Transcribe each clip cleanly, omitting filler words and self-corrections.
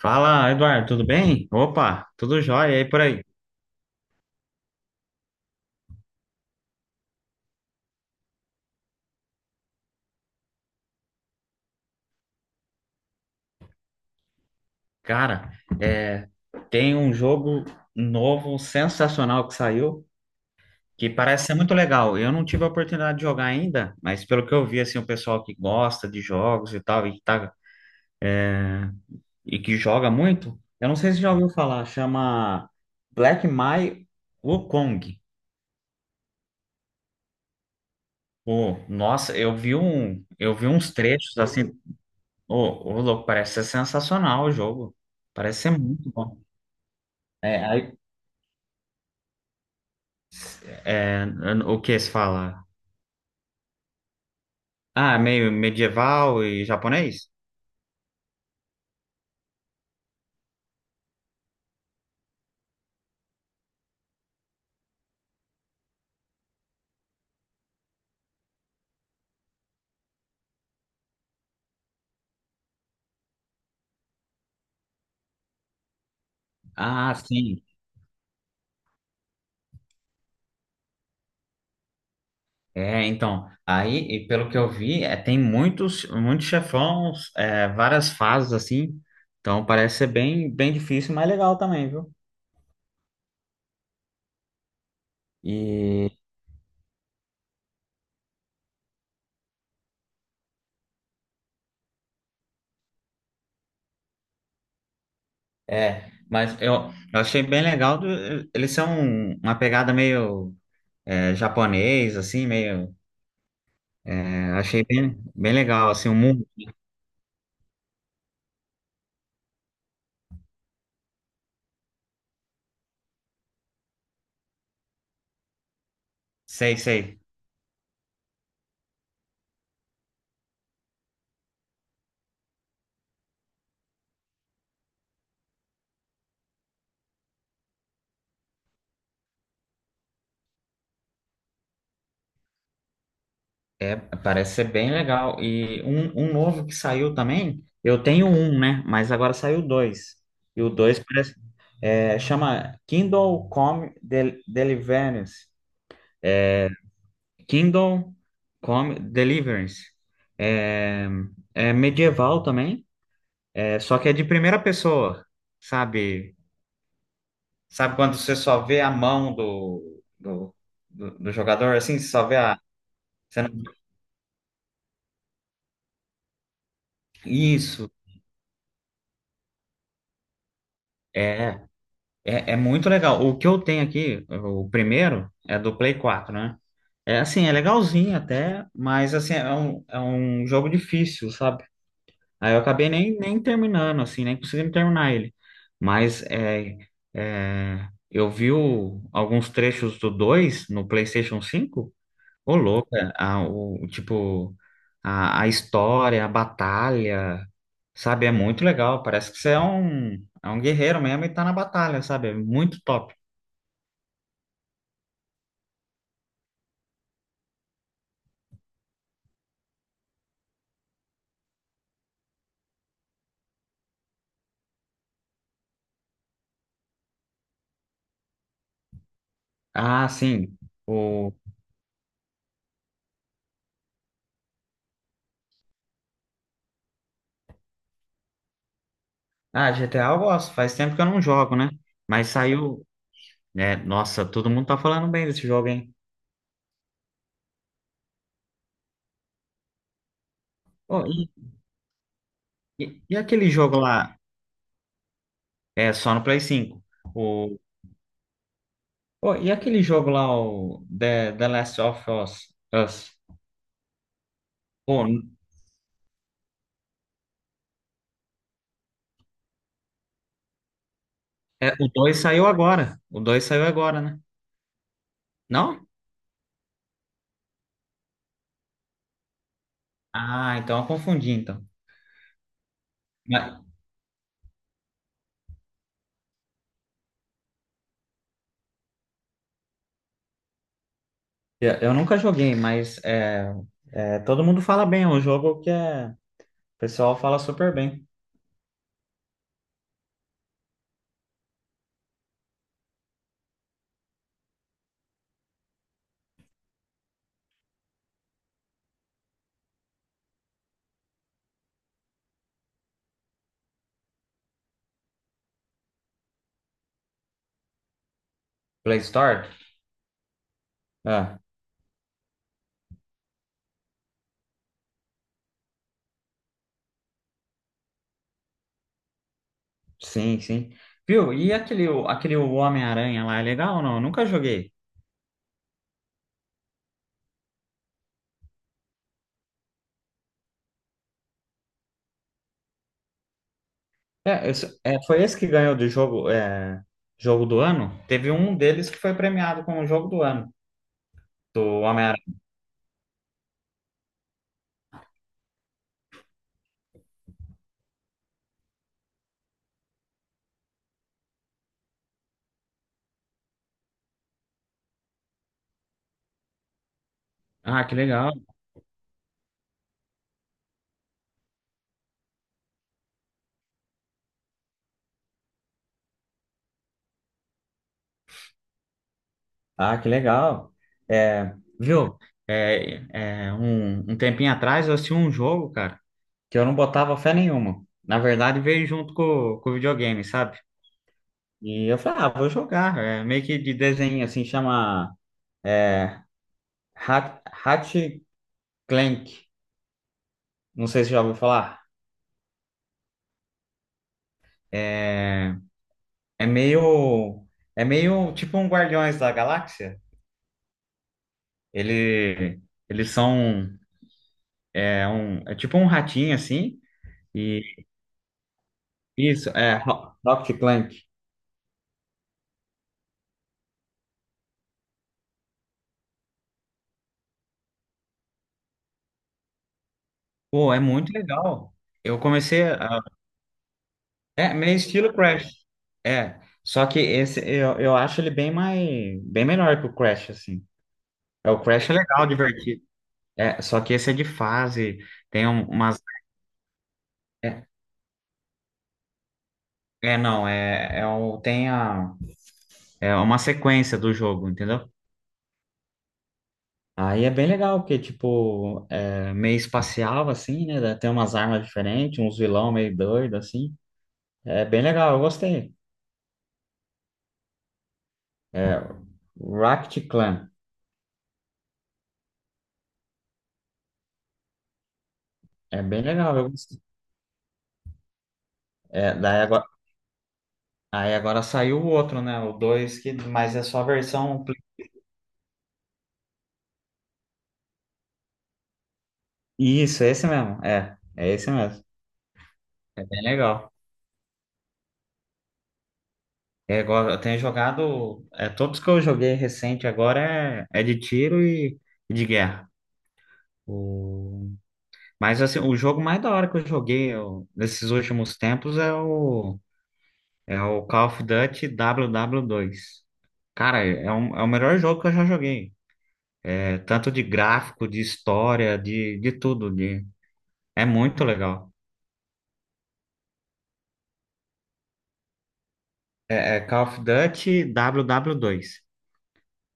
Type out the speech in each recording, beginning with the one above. Fala, Eduardo, tudo bem? Opa, tudo jóia aí por aí. Cara, é, tem um jogo novo, sensacional que saiu, que parece ser muito legal. Eu não tive a oportunidade de jogar ainda, mas pelo que eu vi, assim, o pessoal que gosta de jogos e tal, e que, tá, e que joga muito, eu não sei se já ouviu falar, chama Black Mai Wukong. Pô, nossa, eu vi uns trechos assim, ô, louco, parece ser sensacional o jogo. Parece ser muito bom. É, É, o que se fala? Ah, meio medieval e japonês? Ah, sim. E pelo que eu vi, tem muitos chefões, várias fases assim. Então parece ser bem difícil, mas legal também, viu? E mas eu achei bem legal. Eles são uma pegada meio japonês, assim, meio. Achei bem legal, assim, o mundo. Sei, sei. É, parece ser bem legal. E um novo que saiu também, eu tenho um, né? Mas agora saiu dois. E o dois parece, é, chama Kindle Come Del Deliverance. Kindle Come Deliverance. É, é medieval também, é, só que é de primeira pessoa, sabe? Sabe quando você só vê a mão do jogador, assim? Você só vê a... você não- Isso, é. É, é muito legal. O que eu tenho aqui, o primeiro, é do Play 4, né? É assim, é legalzinho até, mas assim, é um jogo difícil, sabe? Aí eu acabei nem terminando, assim, nem consegui terminar ele. Mas é, eu vi alguns trechos do 2 no PlayStation 5. Ô, louca, a história, a batalha, sabe? É muito legal. Parece que é um guerreiro mesmo e tá na batalha, sabe? É muito top. Ah, sim. O, GTA eu gosto. Faz tempo que eu não jogo, né? Mas saiu, né? Nossa, todo mundo tá falando bem desse jogo, hein? Ô, e, e aquele jogo lá? É, só no Play 5. O, e aquele jogo lá, o The Last of Us? Us? Pô, é, o 2 saiu agora. O 2 saiu agora, né? Não? Ah, então eu confundi, então. Mas... eu nunca joguei, mas é, todo mundo fala bem. É um jogo o pessoal fala super bem. Play Store? Ah, sim, sim. Viu? E aquele Homem-Aranha lá, é legal ou não? Eu nunca joguei. É, foi esse que ganhou do jogo, jogo do ano? Teve um deles que foi premiado como jogo do ano, do Homem-Aranha. Ah, que legal. Ah, que legal. É, viu? É, um tempinho atrás eu assisti um jogo, cara, que eu não botava fé nenhuma. Na verdade, veio junto com o videogame, sabe? E eu falei, ah, vou jogar. É meio que de desenho, assim, chama é, Hat- Hatch Clank. Não sei se já ouviu falar. É, é meio, é meio tipo um Guardiões da Galáxia. Ele, eles são, é, um, é tipo um ratinho, assim. Isso, é Rocket Clank. Pô, é muito legal. Eu comecei a... É, meio estilo Crash. É, só que eu acho ele bem melhor que o Crash assim. É, o Crash é legal, divertido. É, só que esse é de fase, umas... é, é, não, é é o Tem a... é uma sequência do jogo, entendeu? Aí é bem legal, porque, tipo, é meio espacial, assim, né? Tem umas armas diferentes, uns vilão meio doido, assim. É bem legal, eu gostei. É, Rocket Clan. É bem legal. Eu... gostei. É, daí agora... Aí agora saiu o outro, né? O 2 que... mas é só a versão. Play... Isso, é esse mesmo. É, é esse mesmo. É bem legal. É, agora, eu tenho jogado. É, todos que eu joguei recente agora é de tiro e de guerra. O... Mas assim, o jogo mais da hora que nesses últimos tempos é o... é o Call of Duty WW2. Cara, é o melhor jogo que eu já joguei. É, tanto de gráfico, de história, de tudo. É muito legal. É, é Call of Duty WW2.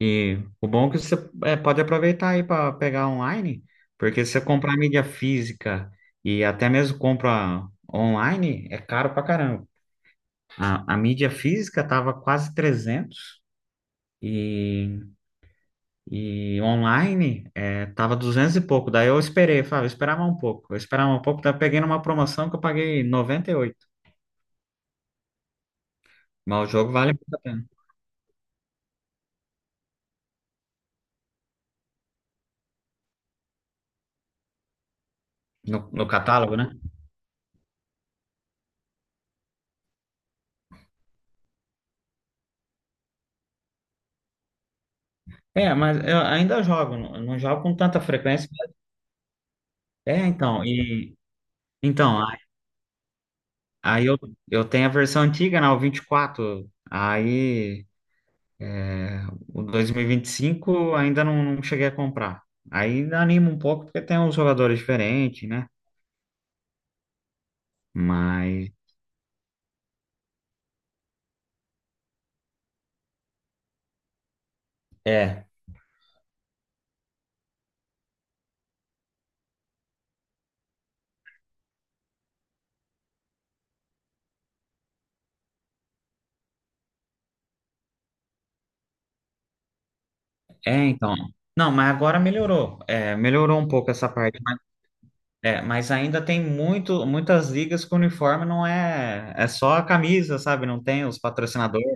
E o bom é que pode aproveitar aí para pegar online, porque se você comprar mídia física e até mesmo compra online, é caro pra caramba. A mídia física tava quase 300 e, e online é, tava 200 e pouco. Daí eu esperei, falei, eu esperava um pouco. Eu esperava um pouco, daí eu peguei numa promoção que eu paguei 98. Mas o jogo vale muito a pena. No catálogo, né? É, mas eu ainda jogo, não jogo com tanta frequência. É, então, e então, a- aí eu, eu tenho a versão antiga, né, o 24. É, o 2025 ainda não, não cheguei a comprar. Aí anima um pouco porque tem uns jogadores diferentes, né? Mas é, é então. Não, mas agora melhorou. É, melhorou um pouco essa parte. É, mas ainda tem muitas ligas que o uniforme não é, é só a camisa, sabe? Não tem os patrocinadores.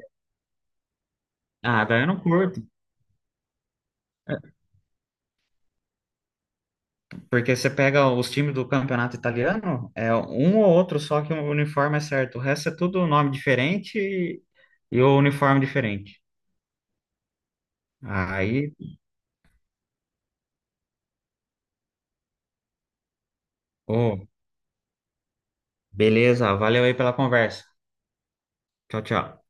Ah, daí eu não curto, porque você pega os times do campeonato italiano, é um ou outro só que o uniforme é certo. O resto é tudo nome diferente e o uniforme diferente. Aí, ô, beleza, valeu aí pela conversa. Tchau, tchau.